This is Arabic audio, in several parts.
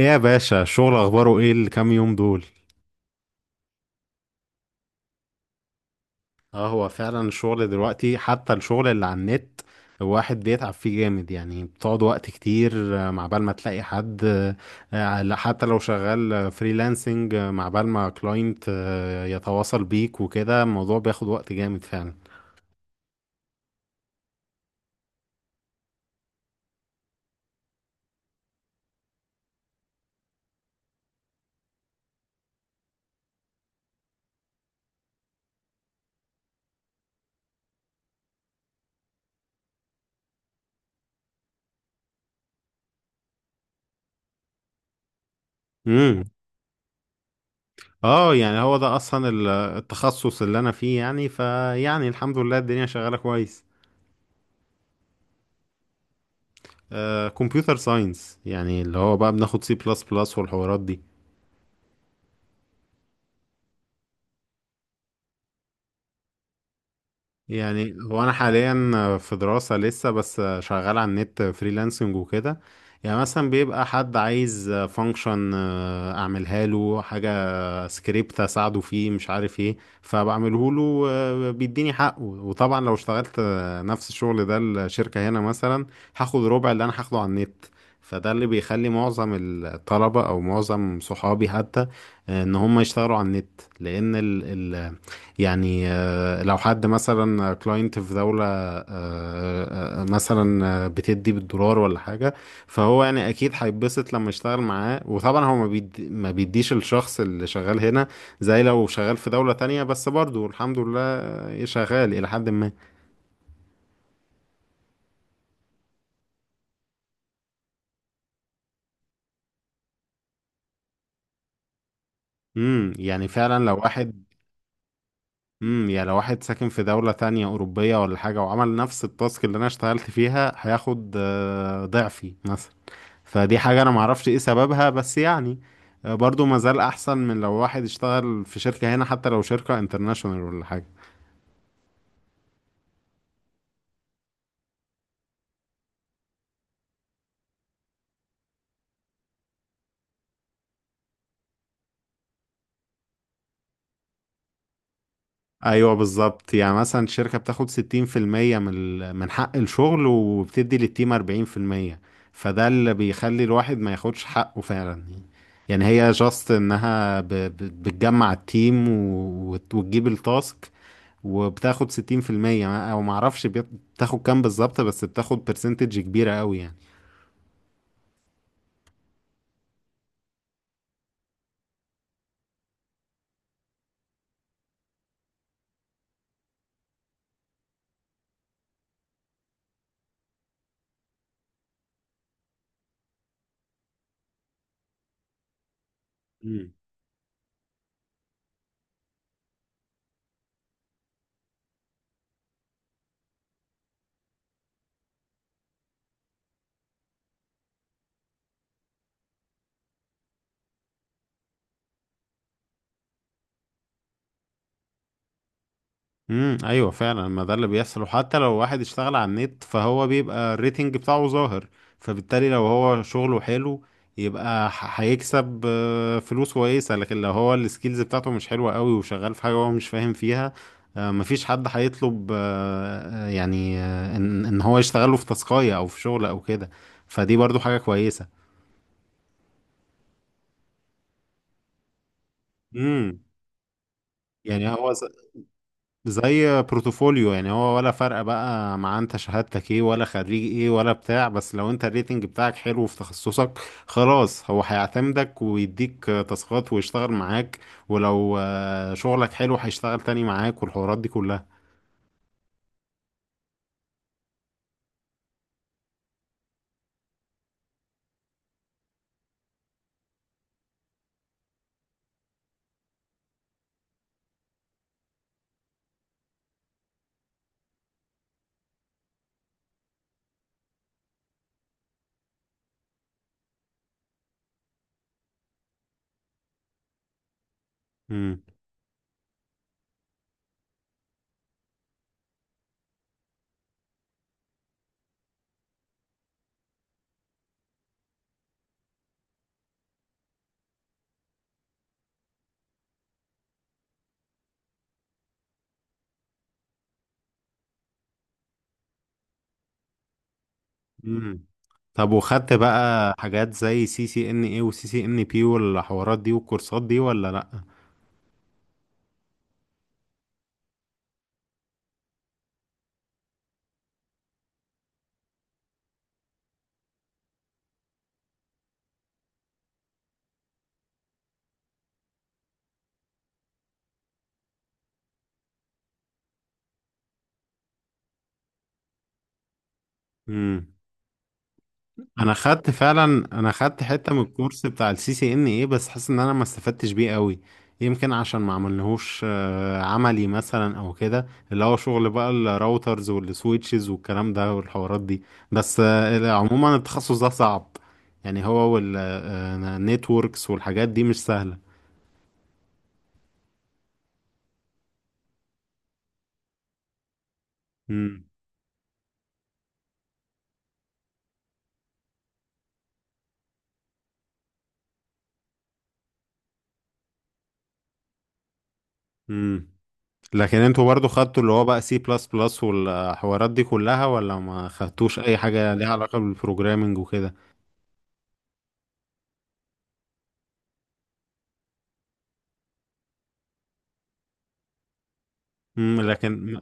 ايه يا باشا، الشغل اخباره ايه الكام يوم دول؟ اه، هو فعلا الشغل دلوقتي، حتى الشغل اللي على النت الواحد بيتعب فيه جامد، يعني بتقعد وقت كتير. مع بال ما تلاقي حد لا، حتى لو شغال فريلانسنج، مع بال ما كلاينت يتواصل بيك وكده، الموضوع بياخد وقت جامد فعلا. امم. اه، يعني هو ده اصلا التخصص اللي انا فيه، يعني الحمد لله الدنيا شغالة كويس. كمبيوتر ساينس، يعني اللي هو بقى بناخد C++ والحوارات دي. يعني هو انا حاليا في دراسة لسه، بس شغال على النت فريلانسنج وكده. يعني مثلا بيبقى حد عايز فانكشن اعملها له، حاجة سكريبت اساعده فيه مش عارف ايه، فبعمله له بيديني حقه. وطبعا لو اشتغلت نفس الشغل ده الشركة هنا مثلا، هاخد ربع اللي انا هاخده على النت. فده اللي بيخلي معظم الطلبة او معظم صحابي حتى ان هم يشتغلوا على النت، لان ال ال يعني لو حد مثلا كلاينت في دولة مثلا بتدي بالدولار ولا حاجة، فهو يعني اكيد هيتبسط لما يشتغل معاه. وطبعا هو ما بيديش الشخص اللي شغال هنا، زي لو شغال في دولة تانية، بس برضه الحمد لله شغال الى حد ما. امم. يعني فعلا لو واحد... امم. يعني لو واحد ساكن في دولة تانية أوروبية ولا حاجة، وعمل نفس التاسك اللي أنا اشتغلت فيها، هياخد ضعفي مثلا. فدي حاجة أنا معرفش إيه سببها، بس يعني برضو مازال أحسن من لو واحد اشتغل في شركة هنا، حتى لو شركة انترناشونال ولا حاجة. ايوه بالظبط. يعني مثلا الشركه بتاخد 60% من حق الشغل، وبتدي للتيم 40%. فده اللي بيخلي الواحد ما ياخدش حقه فعلا. يعني هي جاست انها بتجمع التيم وتجيب التاسك، وبتاخد 60%، او ما اعرفش بتاخد كام بالظبط، بس بتاخد برسنتج كبيره قوي. يعني ايوه، فعلا ما ده اللي بيحصل. وحتى لو واحد اشتغل على النت، فهو بيبقى الريتنج بتاعه ظاهر، فبالتالي لو هو شغله حلو يبقى هيكسب فلوس كويسه. لكن لو هو السكيلز بتاعته مش حلوه قوي، وشغال في حاجه هو مش فاهم فيها، مفيش حد هيطلب ان هو يشتغله في تاسكايه او في شغل او كده. فدي برضو حاجه كويسه. امم. يعني هو زي بروتوفوليو، يعني هو ولا فرق بقى مع انت شهادتك ايه، ولا خريج ايه، ولا بتاع، بس لو انت الريتنج بتاعك حلو في تخصصك، خلاص هو هيعتمدك ويديك تاسكات ويشتغل معاك. ولو شغلك حلو، هيشتغل تاني معاك والحوارات دي كلها. امم. امم. طب، وخدت بقى حاجات زي CCNA، وسي سي ان بي، والحوارات دي والكورسات دي ولا لا؟ امم. انا خدت فعلا انا خدت حته من الكورس بتاع الCCNA، بس حاسس ان انا ما استفدتش بيه قوي. يمكن عشان ما عملناهوش عملي مثلا او كده، اللي هو شغل بقى الراوترز والسويتشز والكلام ده والحوارات دي. بس عموما التخصص ده صعب. يعني هو والنتوركس والحاجات دي مش سهله. امم. امم، لكن انتوا برضو خدتوا اللي هو بقى C++ والحوارات دي كلها، ولا ما خدتوش اي حاجه ليها علاقه بالبروجرامنج وكده؟ امم، لكن...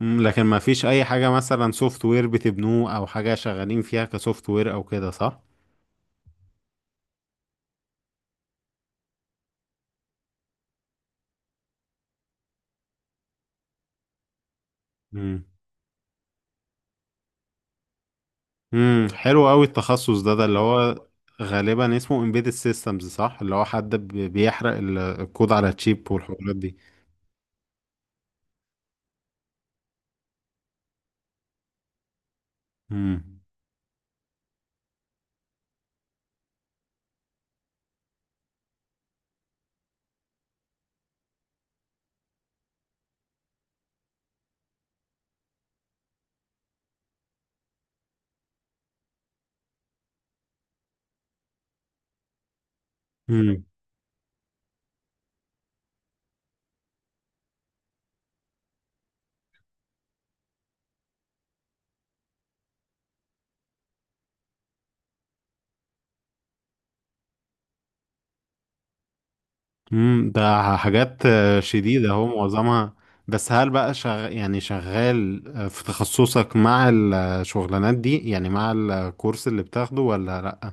مم، لكن ما فيش اي حاجة مثلا سوفت وير بتبنوه، او حاجة شغالين فيها كسوفت وير او كده صح؟ امم. امم، حلو قوي التخصص ده، ده اللي هو غالبا اسمه embedded systems صح؟ اللي هو حد بيحرق الكود على تشيب والحوارات دي. امم. امم. امم، ده حاجات شديدة هو معظمها. بس هل بقى يعني شغال في تخصصك مع الشغلانات دي، يعني مع الكورس اللي بتاخده ولا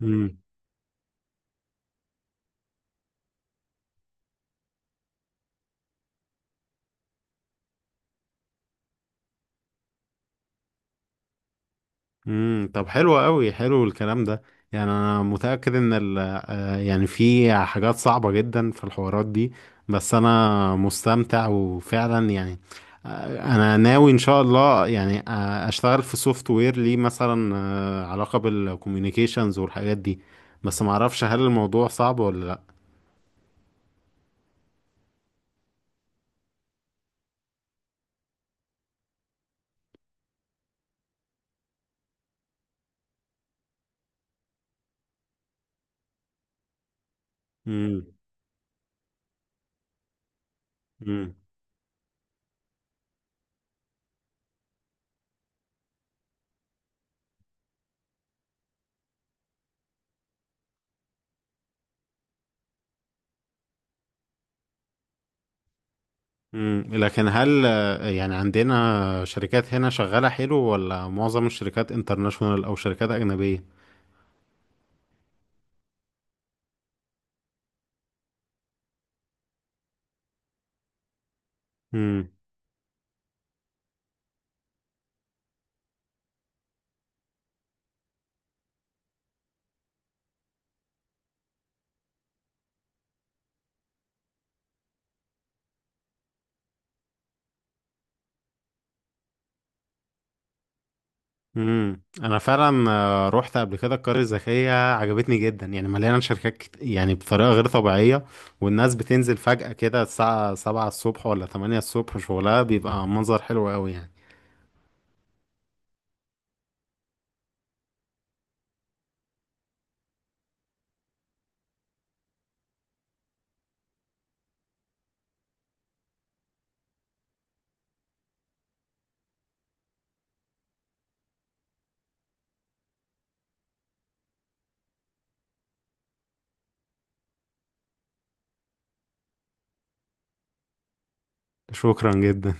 لأ؟ امم، طب حلو قوي، حلو الكلام ده. يعني انا متأكد ان ال آه، يعني في حاجات صعبة جدا في الحوارات دي، بس انا مستمتع وفعلا يعني انا ناوي ان شاء الله، يعني اشتغل في سوفت وير ليه مثلا علاقة بالكوميونيكيشنز والحاجات دي، بس معرفش هل الموضوع صعب ولا لا. امم. امم. امم، لكن هل يعني عندنا شركات هنا شغالة حلو، ولا معظم الشركات انترناشونال او شركات اجنبية؟ امم. امم، انا فعلا رحت قبل كده القرية الذكية، عجبتني جدا. يعني مليانة شركات يعني بطريقة غير طبيعية، والناس بتنزل فجأة كده الساعة 7 الصبح ولا 8 الصبح، شغلها بيبقى منظر حلو قوي يعني. شكرا جدا.